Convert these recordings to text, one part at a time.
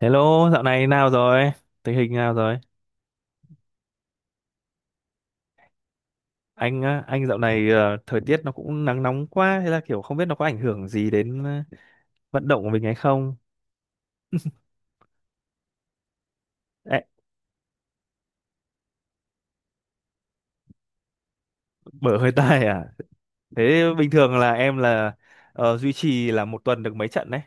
Hello, dạo này nào rồi? Tình hình nào rồi? Anh á, anh dạo này thời tiết nó cũng nắng nóng quá, thế là kiểu không biết nó có ảnh hưởng gì đến vận động của mình hay không? Ê, bở hơi tai à? Thế bình thường là em là duy trì là một tuần được mấy trận đấy?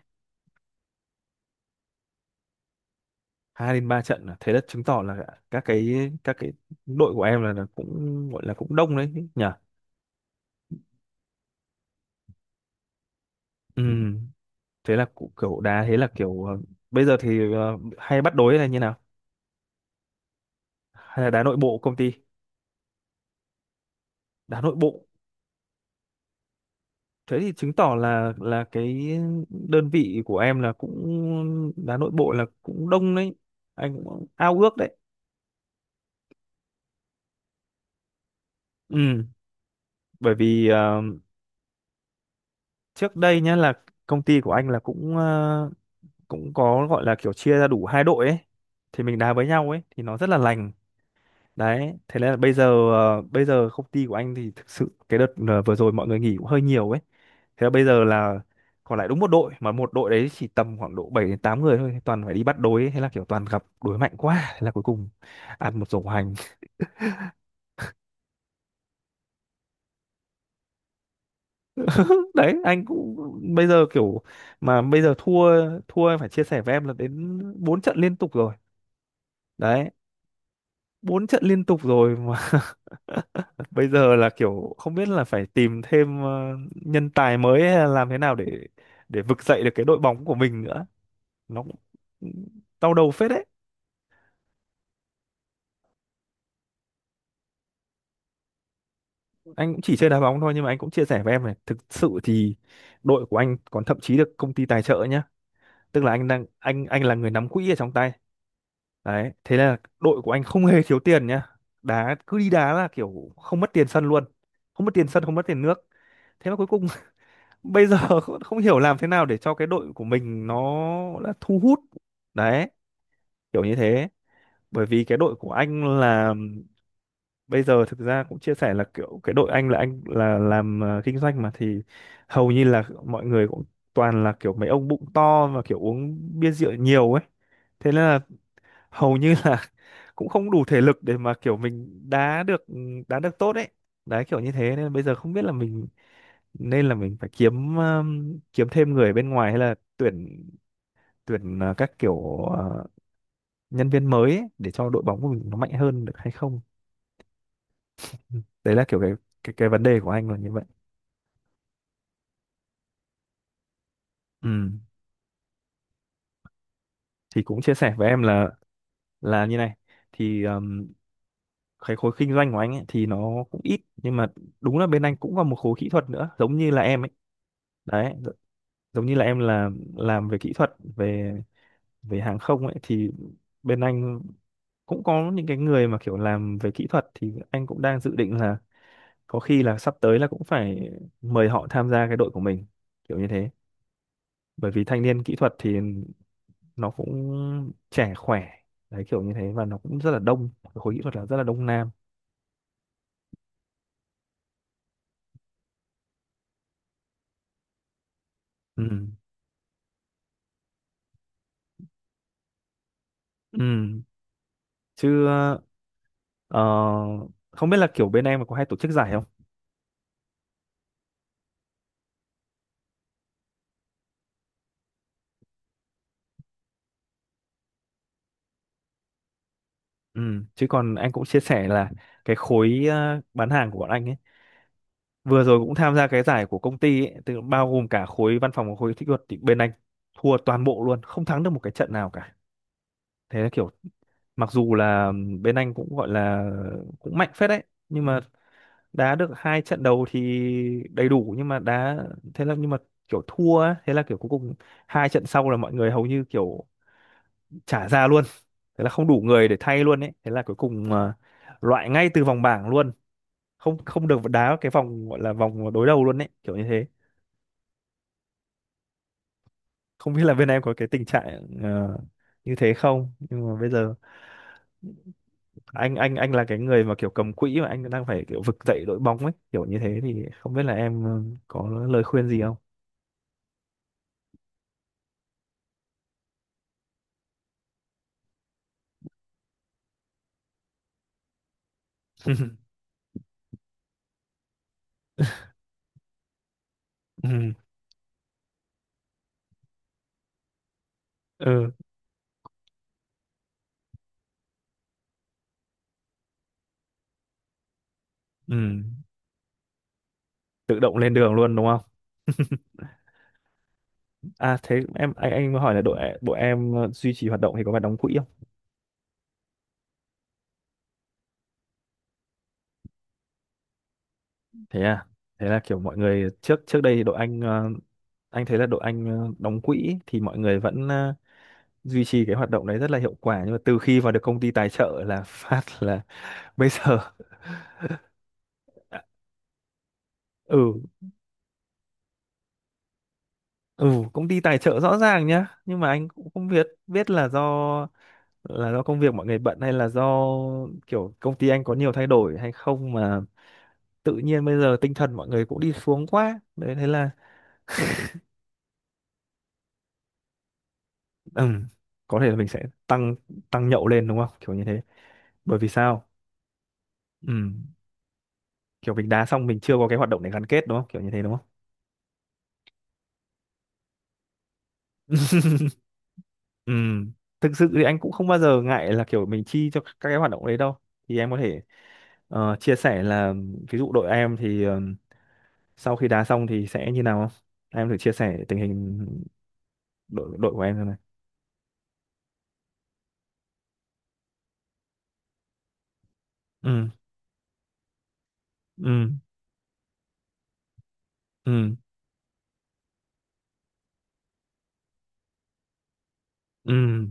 Hai đến ba trận à? Thế là chứng tỏ là các cái các cái đội của em là, cũng gọi là cũng đông đấy nhỉ? Ừ, thế là cũng kiểu đá, thế là kiểu bây giờ thì hay bắt đối là như nào? Hay là đá nội bộ công ty? Đá nội bộ, thế thì chứng tỏ là cái đơn vị của em là cũng đá nội bộ là cũng đông đấy, anh cũng ao ước đấy. Ừ, bởi vì trước đây nhá, là công ty của anh là cũng cũng có gọi là kiểu chia ra đủ hai đội ấy, thì mình đá với nhau ấy thì nó rất là lành. Đấy, thế nên là bây giờ, bây giờ công ty của anh thì thực sự cái đợt vừa rồi mọi người nghỉ cũng hơi nhiều ấy. Thế là bây giờ là còn lại đúng một đội, mà một đội đấy chỉ tầm khoảng độ 7 đến 8 người thôi, toàn phải đi bắt đối ấy. Thế là kiểu toàn gặp đối mạnh quá, thế là cuối cùng ăn một rổ hành. Đấy, anh cũng bây giờ kiểu, mà bây giờ thua thua em phải chia sẻ với em là đến 4 trận liên tục rồi. Đấy, 4 trận liên tục rồi mà bây giờ là kiểu không biết là phải tìm thêm nhân tài mới hay là làm thế nào để vực dậy được cái đội bóng của mình nữa, nó cũng ừ, đau đầu phết đấy. Anh cũng chỉ chơi đá bóng thôi nhưng mà anh cũng chia sẻ với em này, thực sự thì đội của anh còn thậm chí được công ty tài trợ nhá, tức là anh đang anh là người nắm quỹ ở trong tay, đấy, thế là đội của anh không hề thiếu tiền nhá, đá cứ đi đá là kiểu không mất tiền sân luôn, không mất tiền sân không mất tiền nước, thế mà cuối cùng bây giờ không hiểu làm thế nào để cho cái đội của mình nó là thu hút, đấy, kiểu như thế. Bởi vì cái đội của anh là bây giờ, thực ra cũng chia sẻ là kiểu cái đội anh là làm kinh doanh mà, thì hầu như là mọi người cũng toàn là kiểu mấy ông bụng to và kiểu uống bia rượu nhiều ấy, thế nên là hầu như là cũng không đủ thể lực để mà kiểu mình đá được, đá được tốt ấy, đấy kiểu như thế, nên bây giờ không biết là mình nên là mình phải kiếm kiếm thêm người bên ngoài hay là tuyển, tuyển các kiểu, nhân viên mới ấy để cho đội bóng của mình nó mạnh hơn được hay không. Ừ, đấy là kiểu cái, cái vấn đề của anh là như vậy. Ừ, thì cũng chia sẻ với em là như này thì cái khối kinh doanh của anh ấy thì nó cũng ít, nhưng mà đúng là bên anh cũng có một khối kỹ thuật nữa giống như là em ấy, đấy, giống như là em là làm về kỹ thuật, về về hàng không ấy, thì bên anh cũng có những cái người mà kiểu làm về kỹ thuật, thì anh cũng đang dự định là có khi là sắp tới là cũng phải mời họ tham gia cái đội của mình, kiểu như thế. Bởi vì thanh niên kỹ thuật thì nó cũng trẻ khỏe, đấy kiểu như thế, và nó cũng rất là đông. Cái khối kỹ thuật là rất là đông nam. Ừ. Ừ. Chứ ờ, không biết là kiểu bên em có hay tổ chức giải không? Ừ, chứ còn anh cũng chia sẻ là cái khối bán hàng của bọn anh ấy vừa rồi cũng tham gia cái giải của công ty ấy, tức bao gồm cả khối văn phòng và khối kỹ thuật, thì bên anh thua toàn bộ luôn, không thắng được một cái trận nào cả, thế là kiểu mặc dù là bên anh cũng gọi là cũng mạnh phết đấy, nhưng mà đá được hai trận đầu thì đầy đủ, nhưng mà đá, thế là nhưng mà kiểu thua ấy, thế là kiểu cuối cùng hai trận sau là mọi người hầu như kiểu trả ra luôn, thế là không đủ người để thay luôn ấy, thế là cuối cùng loại ngay từ vòng bảng luôn, không không được đá cái vòng gọi là vòng đối đầu luôn ấy, kiểu như thế. Không biết là bên em có cái tình trạng như thế không, nhưng mà bây giờ anh là cái người mà kiểu cầm quỹ, mà anh đang phải kiểu vực dậy đội bóng ấy, kiểu như thế, thì không biết là em có lời khuyên gì không? Ừ. Ừ. Ừ. Tự động lên đường luôn đúng không? À thế em, anh mới hỏi là đội đội em duy trì hoạt động thì có phải đóng quỹ không? Thế à. Thế là kiểu mọi người trước trước đây thì đội anh, anh thấy là đội anh đóng quỹ thì mọi người vẫn duy trì cái hoạt động đấy rất là hiệu quả, nhưng mà từ khi vào được công ty tài trợ là phát là bây giờ à, ừ. Ừ, công ty tài trợ rõ ràng nhá, nhưng mà anh cũng không biết biết là do công việc mọi người bận hay là do kiểu công ty anh có nhiều thay đổi hay không mà tự nhiên bây giờ tinh thần mọi người cũng đi xuống quá đấy, thế là ừ, có thể là mình sẽ tăng tăng nhậu lên đúng không, kiểu như thế, bởi vì sao ừ, kiểu mình đá xong mình chưa có cái hoạt động để gắn kết đúng không, kiểu như thế, đúng không? Ừ, thực sự thì anh cũng không bao giờ ngại là kiểu mình chi cho các cái hoạt động đấy đâu. Thì em có thể chia sẻ là ví dụ đội em thì sau khi đá xong thì sẽ như nào không? Em thử chia sẻ tình hình đội đội của em xem này. Ừ, ừ, ừ, ừ.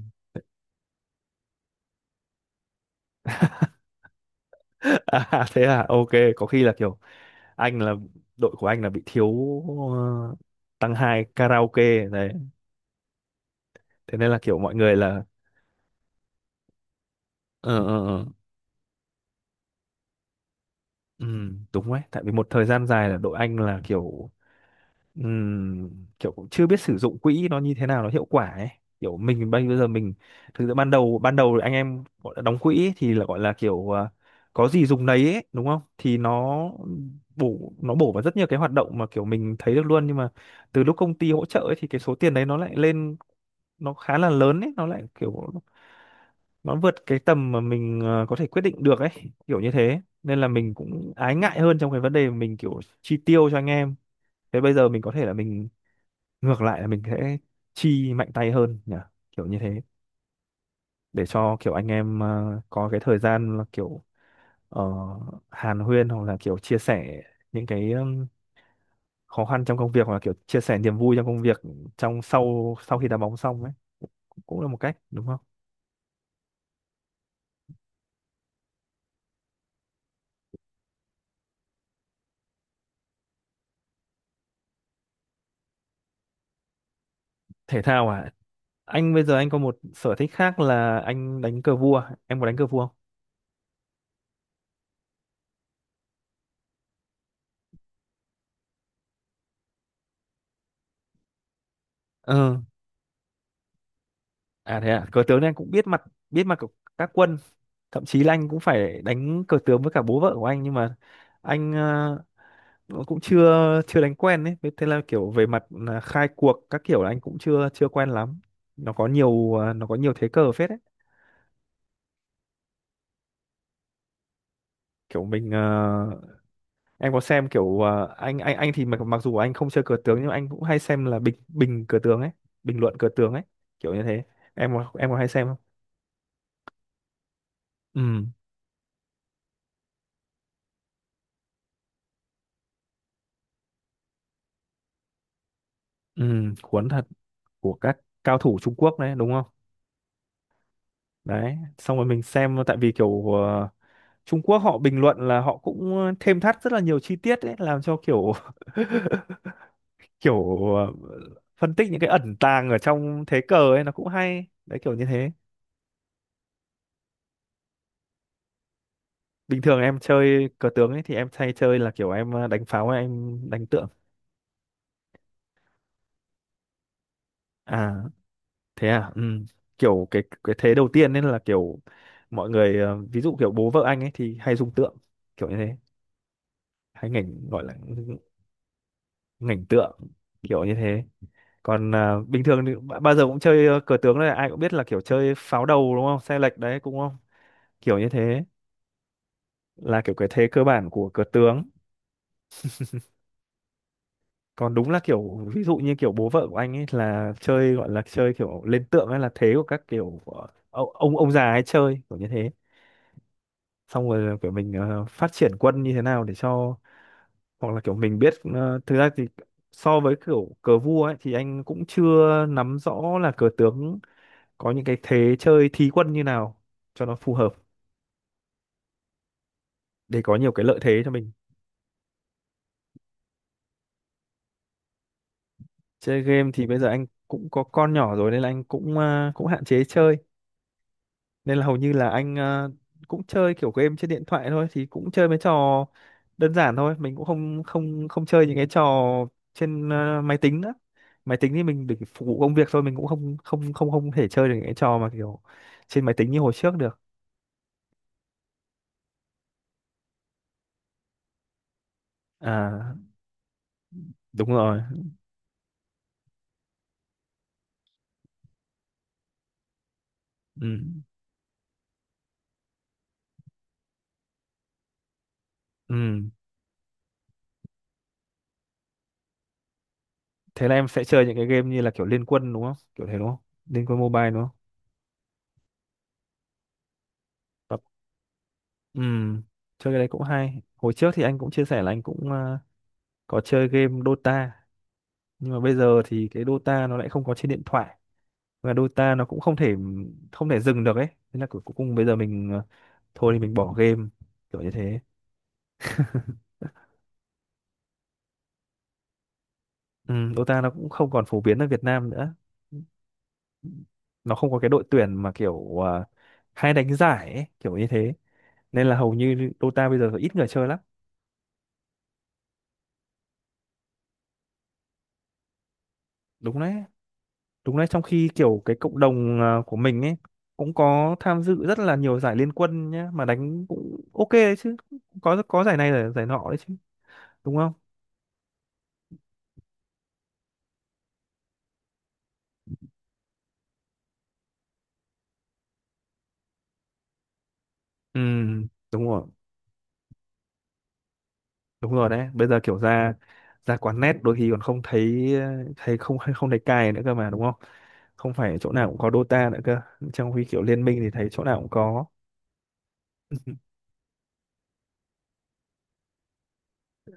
À, thế à, ok, có khi là kiểu anh là đội của anh là bị thiếu ờ, tăng hai karaoke đấy. Thế nên là kiểu mọi người là ờ ờ ờ. Ừ, đúng đấy, tại vì một thời gian dài là đội anh là kiểu kiểu cũng chưa biết sử dụng quỹ nó như thế nào nó hiệu quả ấy, kiểu mình bây bây giờ mình thực ra ban đầu anh em gọi là đóng quỹ ấy, thì là gọi là kiểu có gì dùng đấy ấy, đúng không, thì nó bổ vào rất nhiều cái hoạt động mà kiểu mình thấy được luôn, nhưng mà từ lúc công ty hỗ trợ ấy, thì cái số tiền đấy nó lại lên, nó khá là lớn ấy, nó lại kiểu nó vượt cái tầm mà mình có thể quyết định được ấy, kiểu như thế nên là mình cũng ái ngại hơn trong cái vấn đề mà mình kiểu chi tiêu cho anh em. Thế bây giờ mình có thể là mình ngược lại là mình sẽ chi mạnh tay hơn nhỉ, kiểu như thế, để cho kiểu anh em có cái thời gian là kiểu ờ, hàn huyên hoặc là kiểu chia sẻ những cái khó khăn trong công việc hoặc là kiểu chia sẻ niềm vui trong công việc trong sau sau khi đá bóng xong ấy, cũng cũng là một cách đúng không? Thể thao à? Anh bây giờ anh có một sở thích khác là anh đánh cờ vua, em có đánh cờ vua không? Ừ. À thế à, cờ tướng thì anh cũng biết mặt, biết mặt của các quân, thậm chí là anh cũng phải đánh cờ tướng với cả bố vợ của anh, nhưng mà anh nó cũng chưa chưa đánh quen ấy. Với thế là kiểu về mặt là khai cuộc các kiểu là anh cũng chưa chưa quen lắm, nó có nhiều thế cờ phết ấy, kiểu mình em có xem kiểu anh thì mặc mặc dù anh không chơi cờ tướng nhưng mà anh cũng hay xem là bình bình cờ tướng ấy Bình luận cờ tướng ấy, kiểu như thế. Em có em có hay xem không? Ừ, ừ, cuốn thật, của các cao thủ Trung Quốc đấy đúng không? Đấy, xong rồi mình xem tại vì kiểu Trung Quốc họ bình luận là họ cũng thêm thắt rất là nhiều chi tiết ấy, làm cho kiểu kiểu phân tích những cái ẩn tàng ở trong thế cờ ấy, nó cũng hay đấy, kiểu như thế. Bình thường em chơi cờ tướng ấy thì em hay chơi là kiểu em đánh pháo hay em đánh tượng. À thế à, ừ. Kiểu cái thế đầu tiên nên là kiểu mọi người ví dụ kiểu bố vợ anh ấy thì hay dùng tượng, kiểu như thế, hay ngảnh gọi là ngảnh tượng, kiểu như thế. Còn à, bình thường thì bao giờ cũng chơi cờ tướng này ai cũng biết là kiểu chơi pháo đầu đúng không, xe lệch đấy cũng không, kiểu như thế, là kiểu cái thế cơ bản của cờ tướng. Còn đúng là kiểu ví dụ như kiểu bố vợ của anh ấy là chơi, gọi là chơi kiểu lên tượng, hay là thế của các kiểu ông già hay chơi, kiểu như thế. Xong rồi là kiểu mình phát triển quân như thế nào để cho, hoặc là kiểu mình biết ờ, thực ra thì so với kiểu cờ vua ấy thì anh cũng chưa nắm rõ là cờ tướng có những cái thế chơi thí quân như nào cho nó phù hợp, để có nhiều cái lợi thế cho mình. Chơi game thì bây giờ anh cũng có con nhỏ rồi nên là anh cũng à, cũng hạn chế chơi, nên là hầu như là anh à, cũng chơi kiểu game trên điện thoại thôi, thì cũng chơi mấy trò đơn giản thôi, mình cũng không không không chơi những cái trò trên à, máy tính nữa. Máy tính thì mình để phục vụ công việc thôi, mình cũng không không thể chơi được những cái trò mà kiểu trên máy tính như hồi trước được. À, đúng rồi, ừ, ừ, thế là em sẽ chơi những cái game như là kiểu Liên Quân đúng không, kiểu thế đúng không, Liên Quân Mobile đúng không? Ừ, chơi cái đấy cũng hay. Hồi trước thì anh cũng chia sẻ là anh cũng có chơi game Dota, nhưng mà bây giờ thì cái Dota nó lại không có trên điện thoại, và Dota nó cũng không thể không thể dừng được ấy. Thế là cuối cuối cùng bây giờ mình thôi thì mình bỏ game, kiểu như thế. Ừ, Dota nó cũng không còn phổ biến ở Việt Nam nữa. Nó không có cái đội tuyển mà kiểu hay đánh giải ấy, kiểu như thế. Nên là hầu như Dota bây giờ ít người chơi lắm. Đúng đấy. Đúng đấy, trong khi kiểu cái cộng đồng à, của mình ấy cũng có tham dự rất là nhiều giải Liên Quân nhá, mà đánh cũng ok đấy chứ. Có giải này là giải nọ đấy chứ, đúng không? Ừ, đúng rồi, đúng rồi đấy. Bây giờ kiểu ra ra quán net đôi khi còn không thấy, thấy không không thấy cài nữa cơ mà đúng không? Không phải chỗ nào cũng có Dota nữa cơ. Trong khi kiểu liên minh thì thấy chỗ nào cũng có.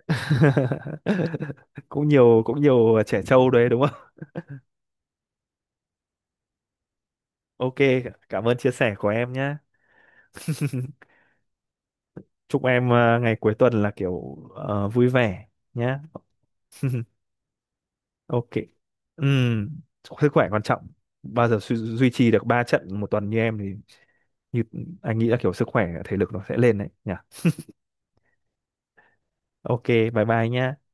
Cũng nhiều trẻ trâu đấy đúng không? Ok, cảm ơn chia sẻ của em nhé. Chúc em ngày cuối tuần là vui vẻ nhé. Ok. Ừm, sức khỏe quan trọng, bao giờ duy trì được 3 trận một tuần như em thì, như anh nghĩ là kiểu sức khỏe thể lực nó sẽ lên đấy nhỉ. Ok, bye bye nhé.